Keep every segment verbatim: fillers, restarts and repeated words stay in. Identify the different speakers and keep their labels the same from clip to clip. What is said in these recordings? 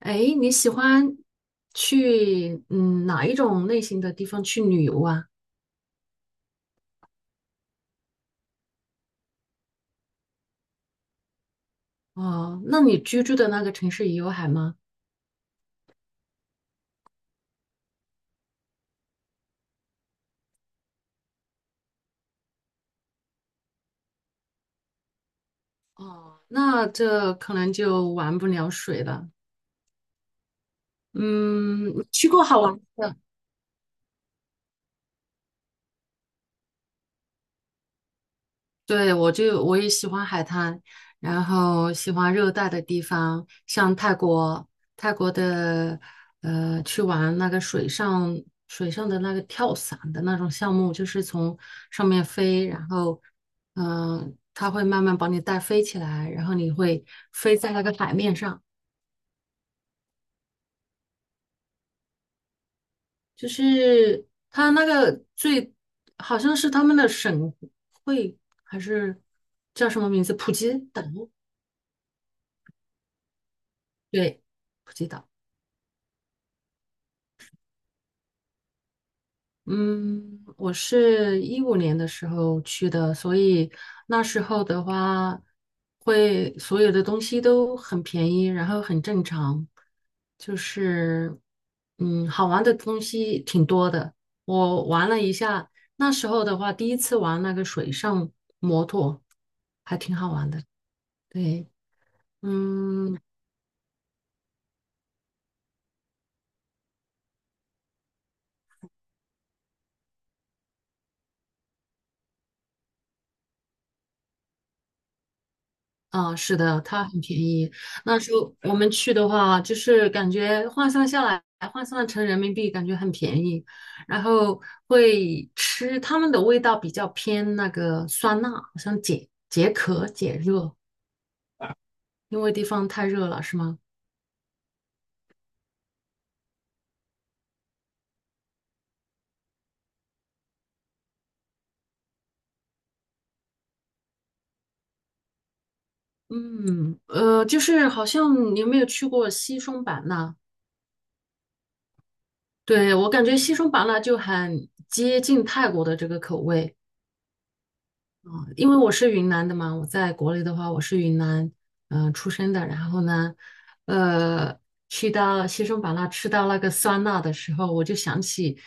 Speaker 1: 哎，你喜欢去嗯哪一种类型的地方去旅游啊？哦，那你居住的那个城市也有海吗？哦，那这可能就玩不了水了。嗯，去过好玩的。对，我就我也喜欢海滩，然后喜欢热带的地方，像泰国，泰国的呃，去玩那个水上水上的那个跳伞的那种项目，就是从上面飞，然后嗯、呃它会慢慢把你带飞起来，然后你会飞在那个海面上，就是它那个最好像是他们的省会还是叫什么名字？普吉岛，对，普吉岛。嗯，我是一五年的时候去的，所以那时候的话，会所有的东西都很便宜，然后很正常，就是嗯，好玩的东西挺多的。我玩了一下，那时候的话，第一次玩那个水上摩托，还挺好玩的。对，嗯，啊，是的，它很便宜。那时候我们去的话，就是感觉换算下来，换算成人民币，感觉很便宜。然后会吃他们的味道比较偏那个酸辣，好像解解渴解热，因为地方太热了，是吗？嗯，呃，就是好像你有没有去过西双版纳？对，我感觉西双版纳就很接近泰国的这个口味。因为我是云南的嘛，我在国内的话，我是云南，嗯、呃出生的。然后呢，呃，去到西双版纳吃到那个酸辣的时候，我就想起，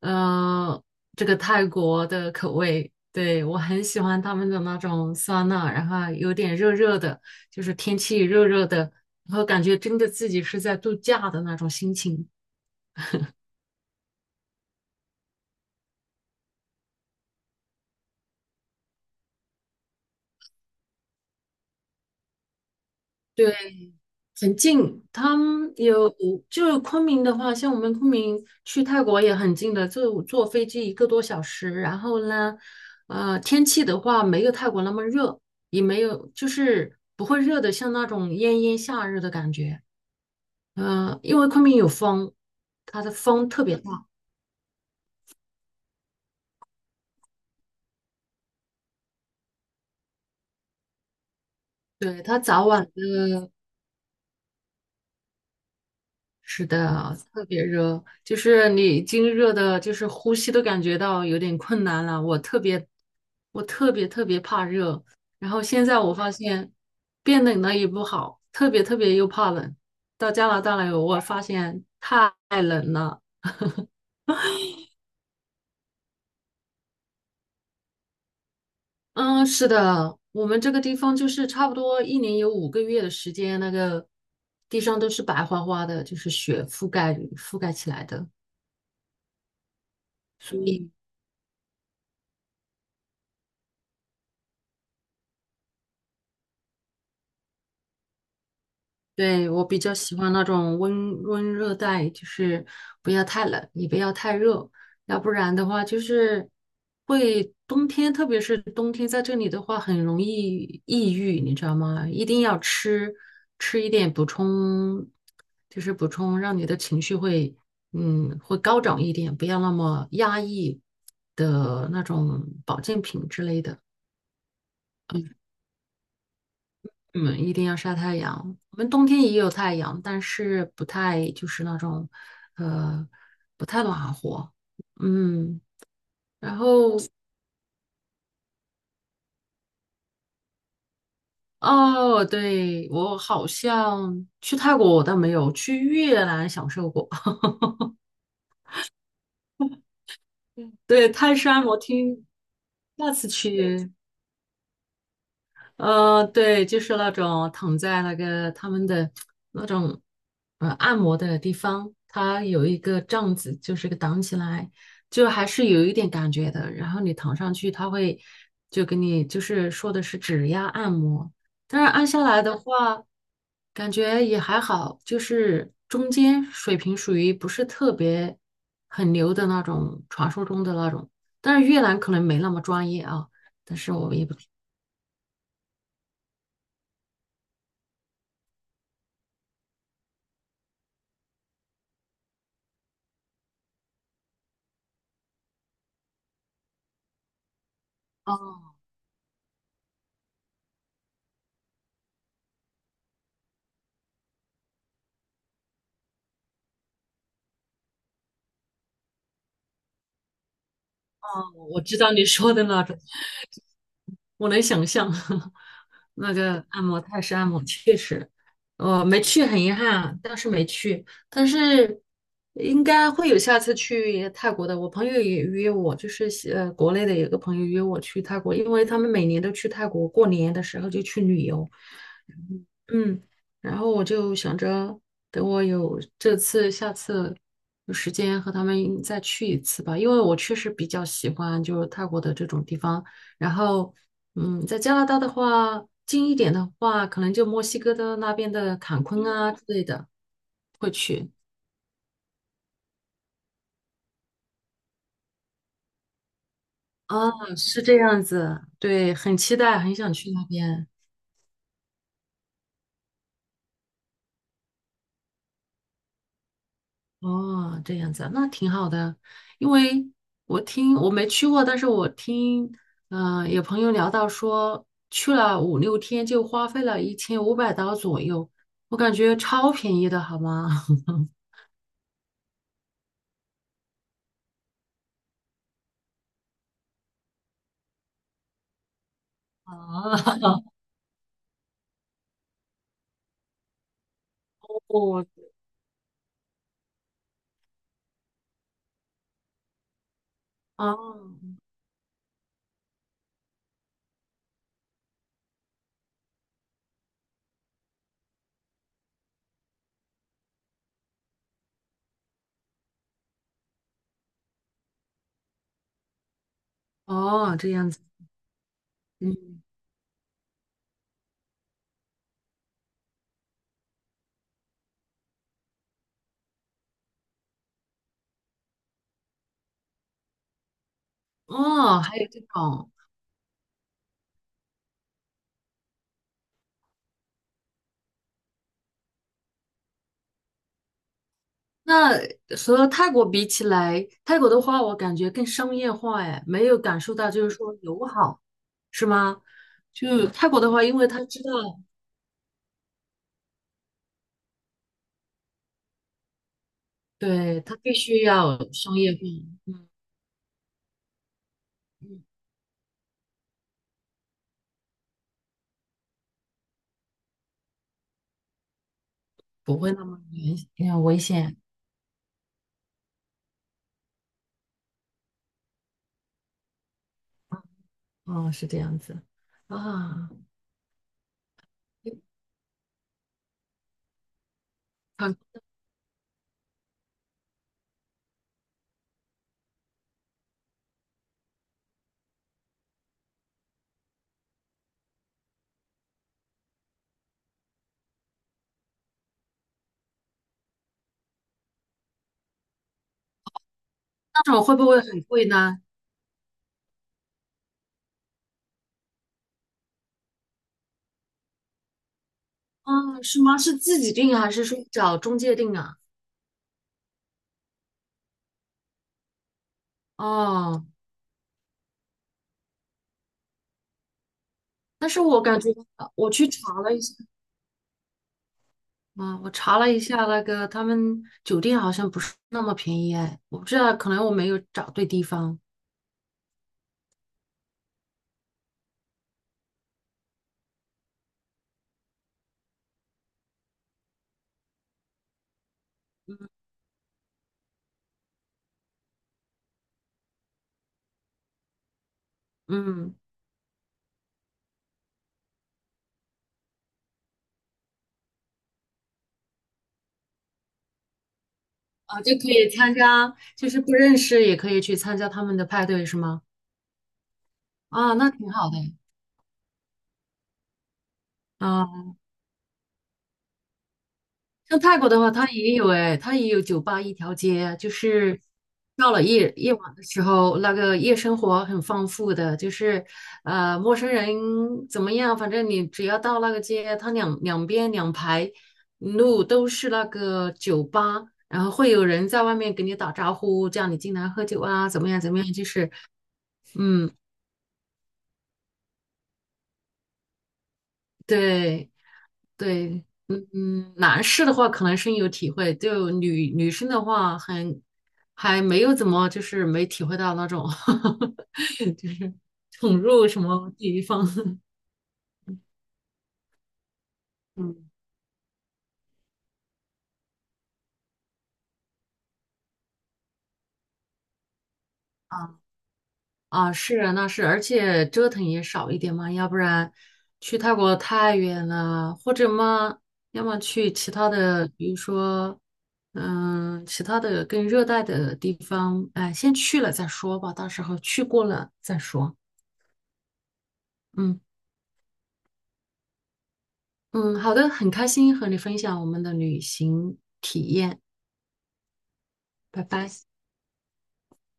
Speaker 1: 呃，这个泰国的口味，对，我很喜欢他们的那种酸辣，然后有点热热的，就是天气热热的，然后感觉真的自己是在度假的那种心情。对。很近，他们有就是昆明的话，像我们昆明去泰国也很近的，就坐飞机一个多小时。然后呢，呃，天气的话没有泰国那么热，也没有就是不会热的像那种炎炎夏日的感觉。嗯、因为昆明有风，它的风特别大，对，它早晚的是的啊，特别热，就是你已经热的，就是呼吸都感觉到有点困难了。我特别，我特别特别怕热，然后现在我发现变冷了也不好，特别特别又怕冷。到加拿大来，我发现太冷了。嗯，是的，我们这个地方就是差不多一年有五个月的时间，那个地上都是白花花的，就是雪覆盖覆盖起来的。所以。对，我比较喜欢那种温温热带，就是不要太冷，也不要太热，要不然的话就是会冬天，特别是冬天在这里的话，很容易抑郁，你知道吗？一定要吃吃一点补充，就是补充让你的情绪会嗯会高涨一点，不要那么压抑的那种保健品之类的。嗯，一定要晒太阳。我们冬天也有太阳，但是不太就是那种，呃，不太暖和。嗯，然后哦，对，我好像去泰国我倒没有，去越南享受过。对，泰山我听下次去呃，对，就是那种躺在那个他们的那种呃按摩的地方，它有一个帐子，就是个挡起来，就还是有一点感觉的。然后你躺上去，它会就给你就是说的是指压按摩，但是按下来的话，感觉也还好，就是中间水平属于不是特别很牛的那种，传说中的那种。但是越南可能没那么专业啊，但是我也不知道。我知道你说的那种，我能想象 那个按摩泰式按摩，确实，我没去，很遗憾，当是没去，但是应该会有下次去泰国的。我朋友也约我，就是呃，国内的有个朋友约我去泰国，因为他们每年都去泰国，过年的时候就去旅游，嗯，然后我就想着，等我有这次、下次有时间和他们再去一次吧，因为我确实比较喜欢就是泰国的这种地方。然后，嗯，在加拿大的话，近一点的话，可能就墨西哥的那边的坎昆啊之类的会去。啊，是这样子，对，很期待，很想去那边。哦，这样子啊那挺好的。因为我听我没去过，但是我听，嗯、有朋友聊到说去了五六天就花费了一千五百刀左右，我感觉超便宜的，好吗？啊，哦哦哦，这样子，嗯，哦，还有这种。那和泰国比起来，泰国的话，我感觉更商业化，哎，没有感受到就是说友好，是吗？就泰国的话，因为他知道，对，他必须要商业化，嗯嗯不会那么危呃危险，哦，是这样子啊。很那种会不会很贵呢？啊，是吗？是自己定还是说找中介定啊？哦，但是我感觉我去查了一下。啊，我查了一下，那个他们酒店好像不是那么便宜哎，我不知道，可能我没有找对地方。嗯，啊，就可以参加，就是不认识也可以去参加他们的派对是吗？啊，那挺好的。啊。像泰国的话，它也有哎，它也有酒吧一条街，就是到了夜夜晚的时候，那个夜生活很丰富的，就是呃，陌生人怎么样，反正你只要到那个街，它两两边两排路都是那个酒吧，然后会有人在外面给你打招呼，叫你进来喝酒啊，怎么样怎么样，就是嗯，对。对，嗯，嗯，男士的话可能深有体会，就女女生的话很还没有怎么就是没体会到那种 就是宠入什么地方，嗯啊啊是啊那是，而且折腾也少一点嘛，要不然去泰国太远了，或者嘛，要么去其他的，比如说嗯其他的更热带的地方，哎，先去了再说吧，到时候去过了再说，嗯。嗯，好的，很开心和你分享我们的旅行，拜拜。